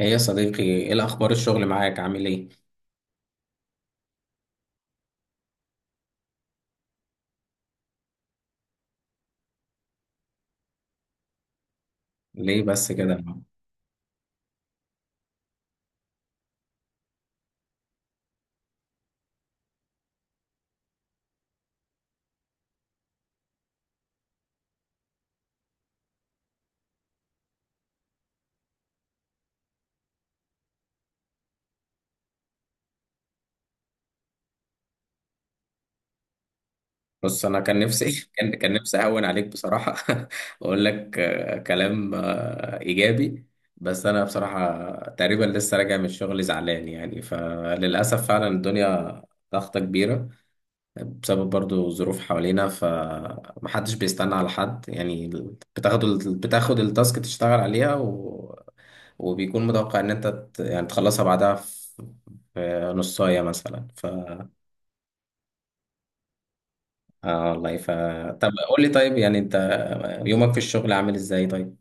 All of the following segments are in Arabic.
ايه يا صديقي، ايه الاخبار؟ الشغل معاك عامل ايه؟ ليه بس كده؟ بص، انا كان نفسي كان نفسي اهون عليك بصراحه. واقول لك كلام ايجابي. بس انا بصراحه تقريبا لسه راجع من الشغل زعلان، يعني فللاسف فعلا الدنيا ضغطة كبيرة بسبب برضو ظروف حوالينا، فمحدش بيستنى على حد يعني. بتاخد التاسك تشتغل عليها و... وبيكون متوقع ان انت يعني تخلصها بعدها في نصاية مثلا ف... والله ف... طب قول لي، طيب يعني انت يومك في الشغل عامل ازاي؟ طيب،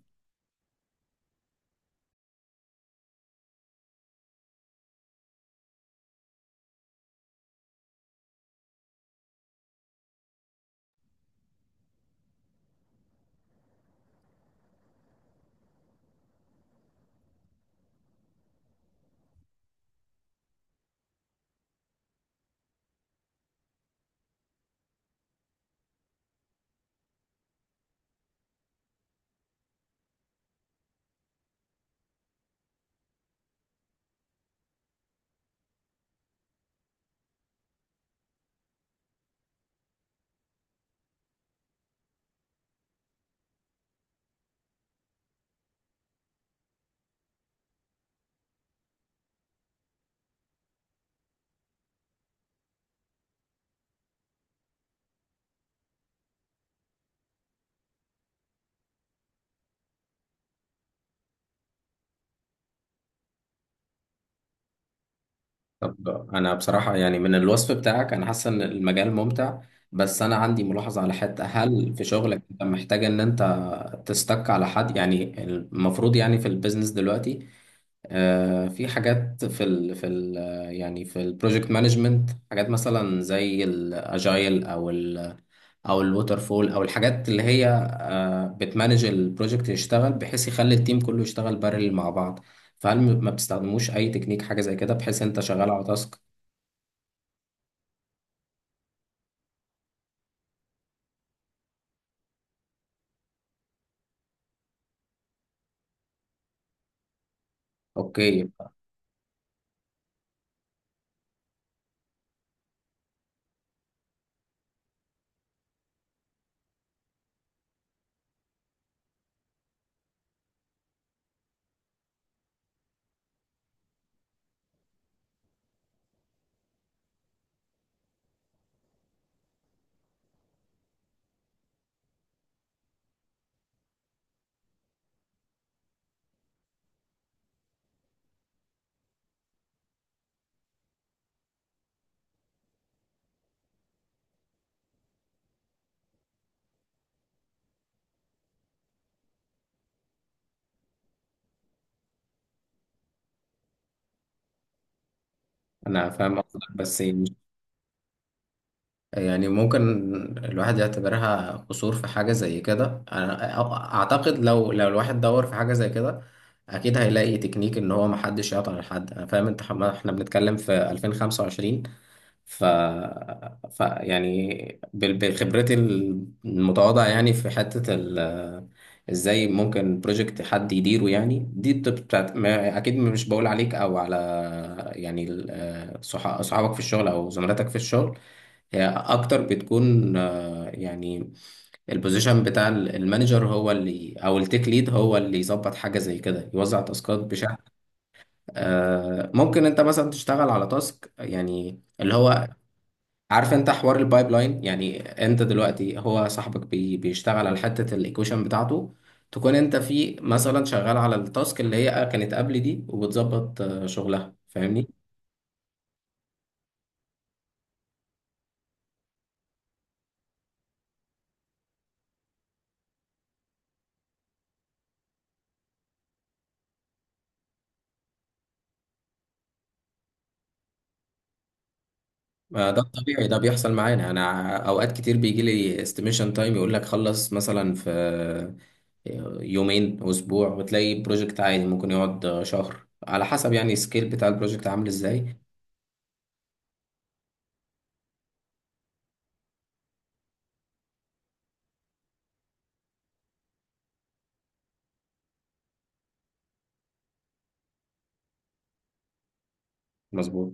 طب انا بصراحه يعني من الوصف بتاعك انا حاسس ان المجال ممتع، بس انا عندي ملاحظه على حته. هل في شغلك انت محتاج ان انت تستك على حد؟ يعني المفروض يعني في البيزنس دلوقتي في حاجات في ال يعني في البروجكت مانجمنت، حاجات مثلا زي الاجايل او ال او الووتر فول او الحاجات اللي هي بتمانج البروجكت، يشتغل بحيث يخلي التيم كله يشتغل بارل مع بعض. فهل ما بتستخدموش اي تكنيك، حاجه زي كده، بحيث انت شغال على تاسك؟ اوكي. انا فاهم قصدك بس يعني ممكن الواحد يعتبرها قصور في حاجه زي كده. انا اعتقد لو الواحد دور في حاجه زي كده اكيد هيلاقي تكنيك ان هو محدش يعطل حد. انا فاهم انت احنا بنتكلم في 2025 ف... ف يعني بخبرتي المتواضعة يعني في حتة ال... ازاي ممكن بروجكت حد يديره؟ يعني دي التوب بتاعت ما... اكيد مش بقول عليك او على يعني صحابك في الشغل او زملاتك في الشغل. هي اكتر بتكون يعني البوزيشن بتاع المانجر هو اللي، او التيك ليد هو اللي يظبط حاجة زي كده، يوزع تاسكات بشكل ممكن انت مثلا تشتغل على تاسك يعني اللي هو عارف انت حوار البايب لاين. يعني انت دلوقتي هو صاحبك بي بيشتغل على حته الايكويشن بتاعته، تكون انت في مثلا شغال على التاسك اللي هي كانت قبل دي وبتظبط شغلها، فاهمني؟ ده الطبيعي، ده بيحصل معانا. انا اوقات كتير بيجي لي استيميشن تايم يقول لك خلص مثلا في يومين، اسبوع، وتلاقي بروجكت عادي ممكن يقعد شهر، على حسب يعني السكيل بتاع البروجكت عامل ازاي. مظبوط.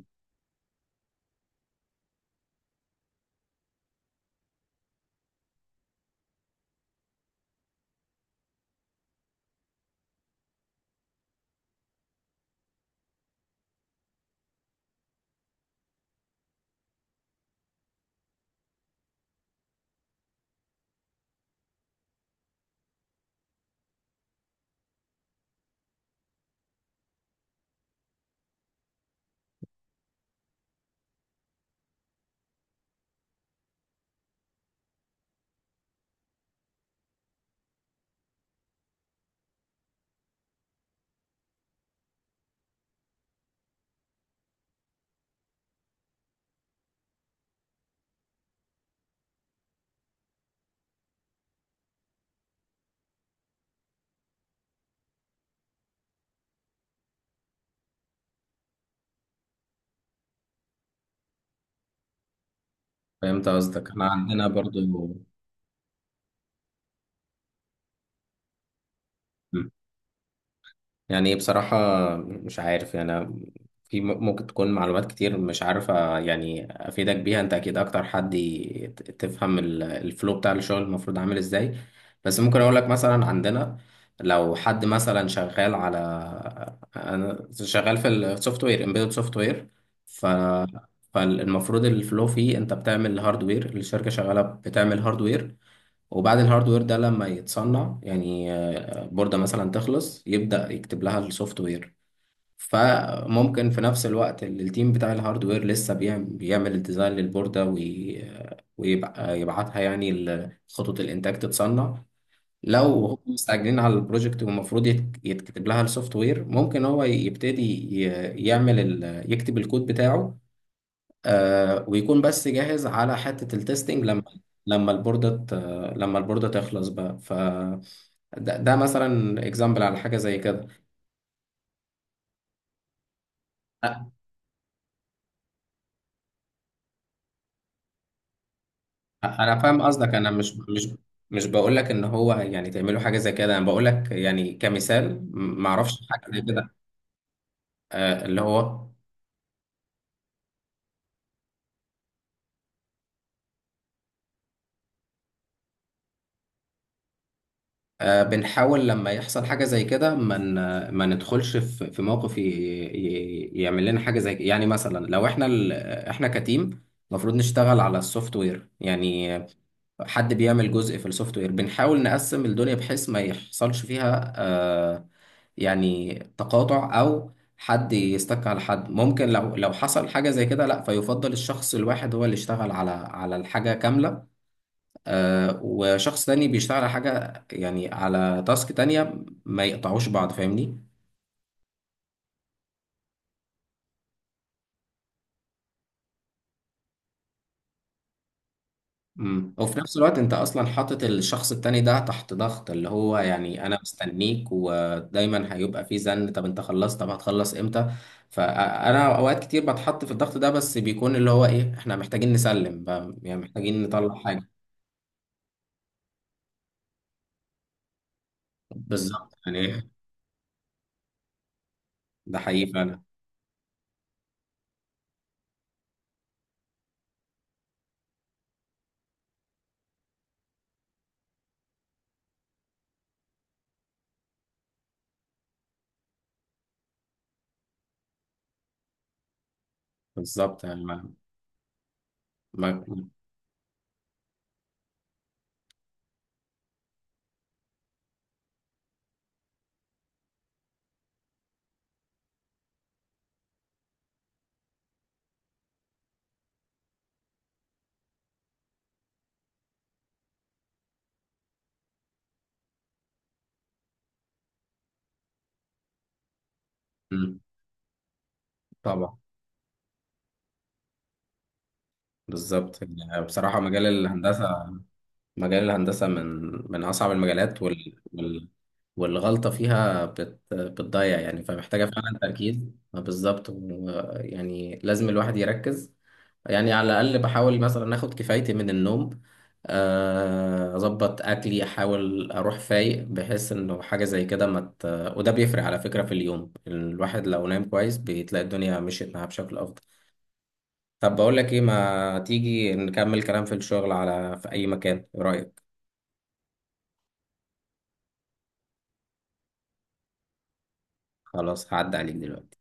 فهمت قصدك، احنا عندنا برضو يعني. بصراحة مش عارف يعني أنا في ممكن تكون معلومات كتير مش عارفة يعني أفيدك بيها. أنت أكيد أكتر حد تفهم الفلو بتاع الشغل المفروض عامل إزاي. بس ممكن أقول لك مثلا عندنا لو حد مثلا شغال على، أنا شغال في السوفت وير، امبيدد سوفت وير، ف... فالمفروض الفلو فيه أنت بتعمل هاردوير، الشركة شغالة بتعمل هاردوير، وبعد الهاردوير ده لما يتصنع يعني البوردة مثلا تخلص، يبدأ يكتب لها السوفت وير. فممكن في نفس الوقت التيم بتاع الهاردوير لسه بيعمل الديزاين للبوردة وي... ويبقى يبعتها يعني خطوط الإنتاج تتصنع. لو هم مستعجلين على البروجكت والمفروض يتكتب لها السوفت وير، ممكن هو يبتدي يعمل ال... يكتب الكود بتاعه، آه، ويكون بس جاهز على حتة التستنج لما لما البوردة ت- لما البوردة تخلص بقى ف... ده مثلا اكزامبل على حاجة زي كده. أ- انا فاهم قصدك، انا مش بقول لك ان هو يعني تعملوا حاجة زي كده، انا بقول لك يعني كمثال ما اعرفش حاجة زي كده. آه، اللي هو بنحاول لما يحصل حاجة زي كده ما ندخلش في موقف يعمل لنا حاجة زي كده. يعني مثلا لو احنا ال... احنا كتيم المفروض نشتغل على السوفت وير، يعني حد بيعمل جزء في السوفت وير، بنحاول نقسم الدنيا بحيث ما يحصلش فيها يعني تقاطع او حد يستك على حد. ممكن لو حصل حاجة زي كده لا، فيفضل الشخص الواحد هو اللي يشتغل على الحاجة كاملة، وشخص تاني بيشتغل على حاجة يعني على تاسك تانية، ما يقطعوش بعض، فاهمني؟ وفي نفس الوقت انت اصلا حاطط الشخص التاني ده تحت ضغط، اللي هو يعني انا مستنيك، ودايما هيبقى في زن: طب انت خلصت؟ طب هتخلص امتى؟ فانا اوقات كتير بتحط في الضغط ده، بس بيكون اللي هو ايه، احنا محتاجين نسلم بقى، يعني محتاجين نطلع حاجة. بالظبط، يعني إيه؟ ده حقيقي فعلا. بالظبط يعني. ما ما مم. طبعا. بالظبط. يعني بصراحة مجال الهندسة، مجال الهندسة من من أصعب المجالات وال... وال... والغلطة فيها بت... بتضيع يعني، فمحتاجة فعلا تركيز. بالظبط. يعني لازم الواحد يركز. يعني على الأقل بحاول مثلا آخد كفايتي من النوم، أظبط أكلي، أحاول أروح فايق بحيث إنه حاجة زي كده ما مت... وده بيفرق على فكرة. في اليوم الواحد لو نام كويس بتلاقي الدنيا مشيت معاه بشكل أفضل. طب بقول لك إيه، ما تيجي نكمل كلام في الشغل على في أي مكان، إيه رأيك؟ خلاص، هعدي عليك دلوقتي.